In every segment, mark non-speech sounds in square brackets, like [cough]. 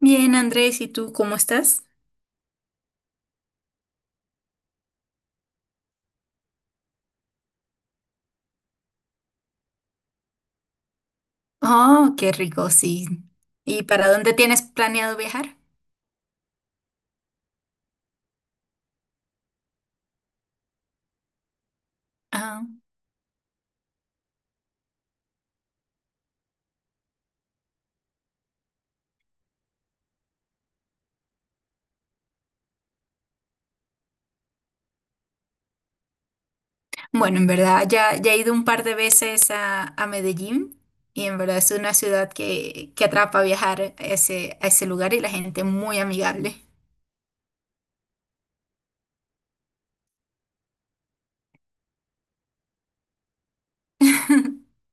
Bien, Andrés, ¿y tú cómo estás? Oh, qué rico, sí. ¿Y para dónde tienes planeado viajar? Ah, bueno, en verdad ya he ido un par de veces a Medellín y en verdad es una ciudad que atrapa viajar a ese lugar y la gente muy amigable. [laughs]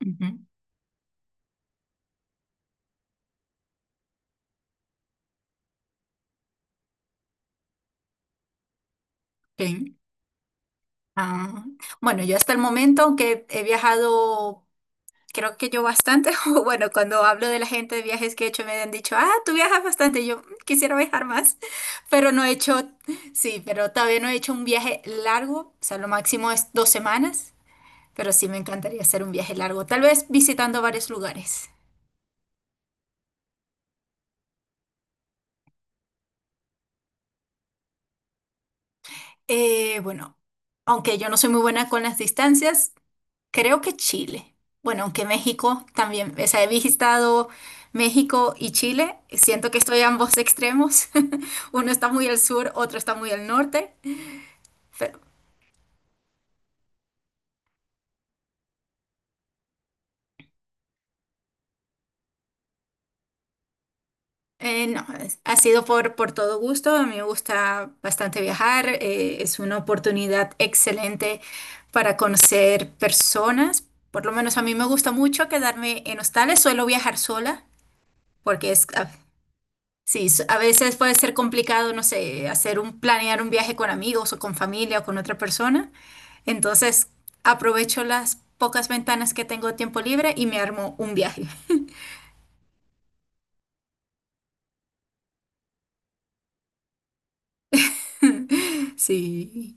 Ujú, sí. Ah, bueno, yo hasta el momento, aunque he viajado creo que yo bastante, [laughs] o bueno, cuando hablo de la gente de viajes que he hecho, me han dicho, ah, tú viajas bastante, y yo "Mm, quisiera viajar más, [laughs] pero no he hecho. Sí, pero todavía no he hecho un viaje largo, o sea, lo máximo es dos semanas, pero sí me encantaría hacer un viaje largo, tal vez visitando varios lugares. Bueno, aunque yo no soy muy buena con las distancias, creo que Chile. Bueno, aunque México también, o sea, he visitado México y Chile. Siento que estoy a ambos extremos. [laughs] Uno está muy al sur, otro está muy al norte. Pero no, ha sido por todo gusto. A mí me gusta bastante viajar. Es una oportunidad excelente para conocer personas. Por lo menos a mí me gusta mucho quedarme en hostales. Suelo viajar sola porque es, sí, a veces puede ser complicado, no sé, planear un viaje con amigos o con familia o con otra persona. Entonces, aprovecho las pocas ventanas que tengo de tiempo libre y me armo un viaje. [laughs] Sí.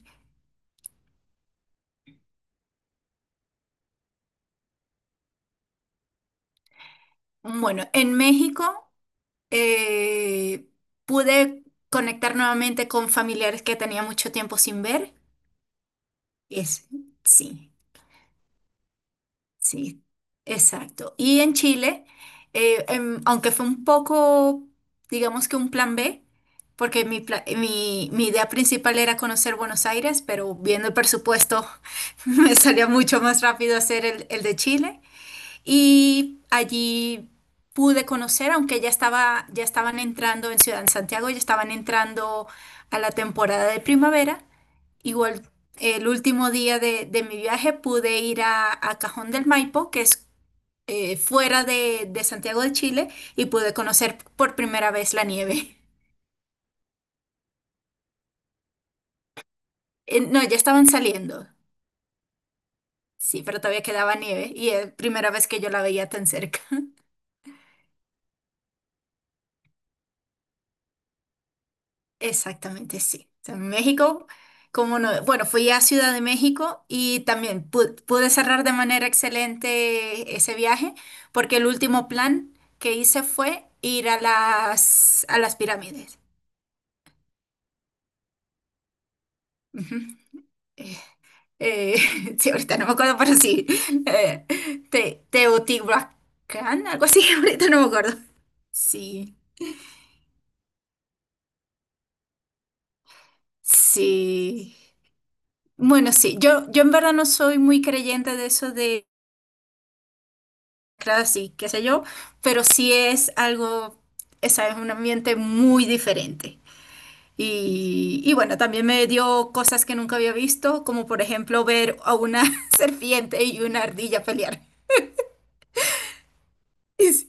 Bueno, en México eh, pude conectar nuevamente con familiares que tenía mucho tiempo sin ver. Es, sí. Sí, exacto. Y en Chile, aunque fue un poco, digamos que un plan B, porque mi idea principal era conocer Buenos Aires, pero viendo el presupuesto [laughs] me salía mucho más rápido hacer el de Chile. Y allí pude conocer, aunque ya estaban entrando en Ciudad de Santiago, ya estaban entrando a la temporada de primavera. Igual, el último día de mi viaje pude ir a Cajón del Maipo, que es fuera de Santiago de Chile, y pude conocer por primera vez la nieve. [laughs] No, ya estaban saliendo, sí, pero todavía quedaba nieve y es la primera vez que yo la veía tan cerca. Exactamente, sí. O sea, en México, como no, bueno, fui a Ciudad de México y también pude cerrar de manera excelente ese viaje, porque el último plan que hice fue ir a las pirámides. Ujú. Eh, [laughs] sí, ahorita no me acuerdo, pero sí. Eh, Teotihuacán, algo así, [laughs] ahorita no me acuerdo. Sí, sí. Bueno, sí, yo en verdad no soy muy creyente de eso. Claro, sí, qué sé yo, pero sí es algo, esa es un ambiente muy diferente. Y bueno, también me dio cosas que nunca había visto, como por ejemplo ver a una [laughs] serpiente y una ardilla pelear. [laughs] Y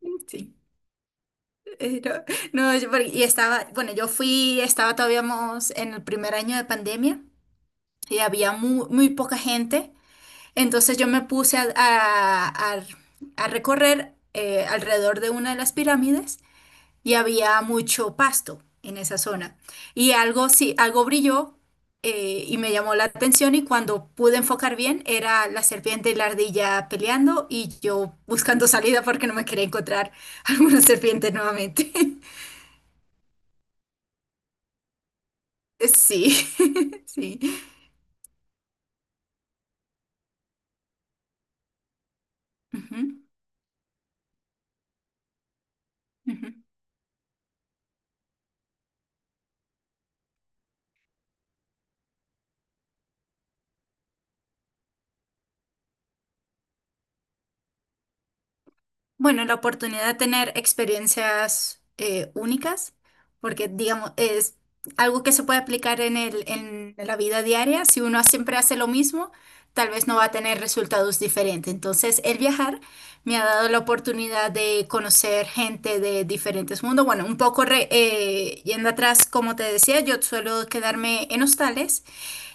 sí, sí, eh, no, no, y estaba, bueno, yo fui, estaba todavía más en el primer año de pandemia y había muy, muy poca gente, entonces yo me puse a recorrer alrededor de una de las pirámides. Y había mucho pasto en esa zona. Y algo, sí, algo brilló y me llamó la atención y cuando pude enfocar bien era la serpiente y la ardilla peleando y yo buscando salida porque no me quería encontrar [laughs] alguna serpiente nuevamente. [laughs] Sí, [laughs] sí. Ujú, ujú. Bueno, la oportunidad de tener experiencias únicas, porque digamos, es algo que se puede aplicar en la vida diaria. Si uno siempre hace lo mismo, tal vez no va a tener resultados diferentes. Entonces, el viajar me ha dado la oportunidad de conocer gente de diferentes mundos. Bueno, un poco yendo atrás, como te decía, yo suelo quedarme en hostales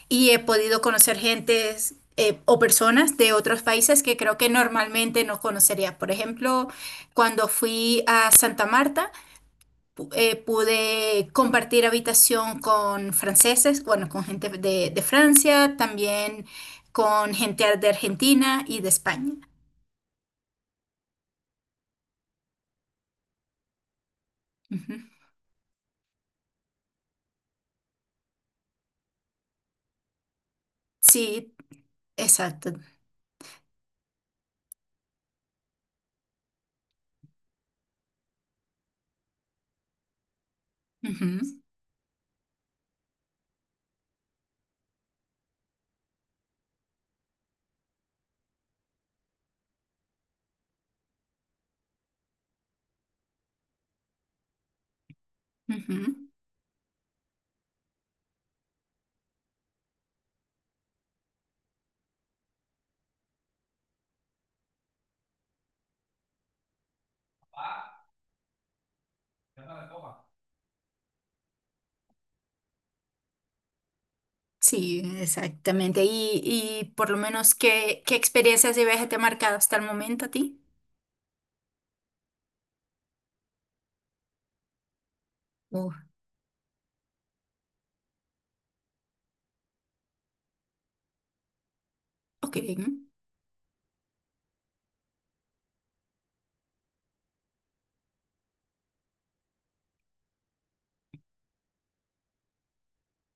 y he podido conocer gentes o personas de otros países que creo que normalmente no conocería. Por ejemplo, cuando fui a Santa Marta, pude compartir habitación con franceses, bueno, con gente de Francia, también con gente de Argentina y de España. Ujú. Sí, exacto. Ujú, ujú. Sí, exactamente. Y por lo menos, ¿qué experiencias de viaje te ha marcado hasta el momento a ti? Ok.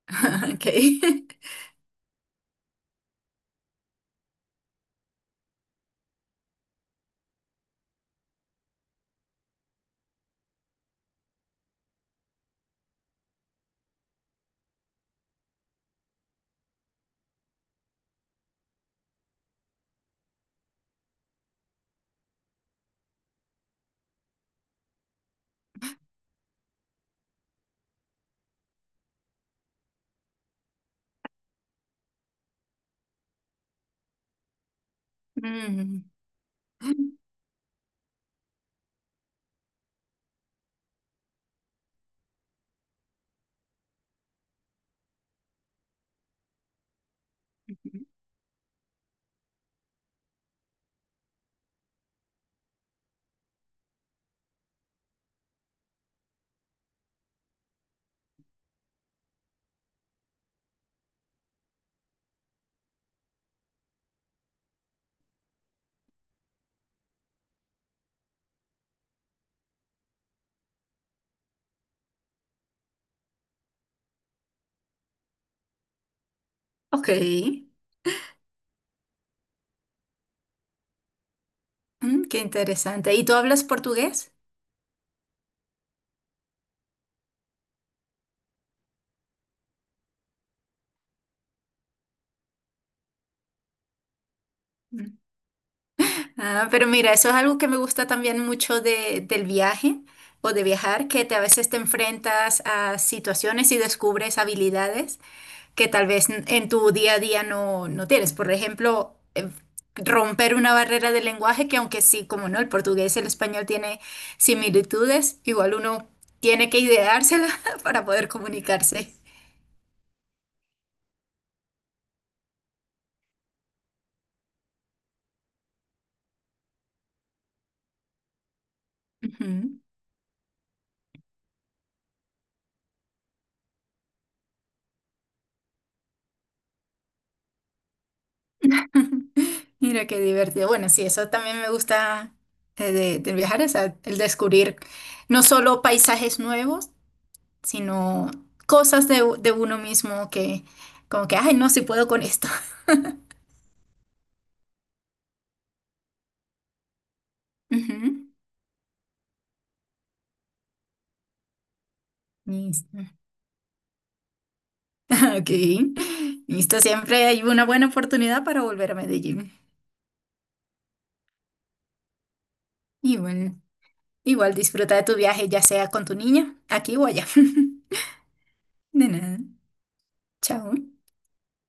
[laughs] Ok. [laughs] Mm. Ok. Mm, qué interesante. ¿Y tú hablas portugués? Mm. Ah, pero mira, eso es algo que me gusta también mucho del viaje o de viajar, que a veces te enfrentas a situaciones y descubres habilidades que tal vez en tu día a día no tienes. Por ejemplo, romper una barrera del lenguaje que aunque sí, como no, el portugués y el español tiene similitudes, igual uno tiene que ideársela [laughs] para poder comunicarse. Ujú. Mira qué divertido. Bueno, sí, eso también me gusta de viajar, o sea, el descubrir no solo paisajes nuevos, sino cosas de uno mismo que como que, ay, no, si puedo con esto. [laughs] Ujú. Listo. [laughs] Ok. Listo, siempre hay una buena oportunidad para volver a Medellín. Igual, igual, disfruta de tu viaje, ya sea con tu niña, aquí o allá. [laughs] De nada. Chao.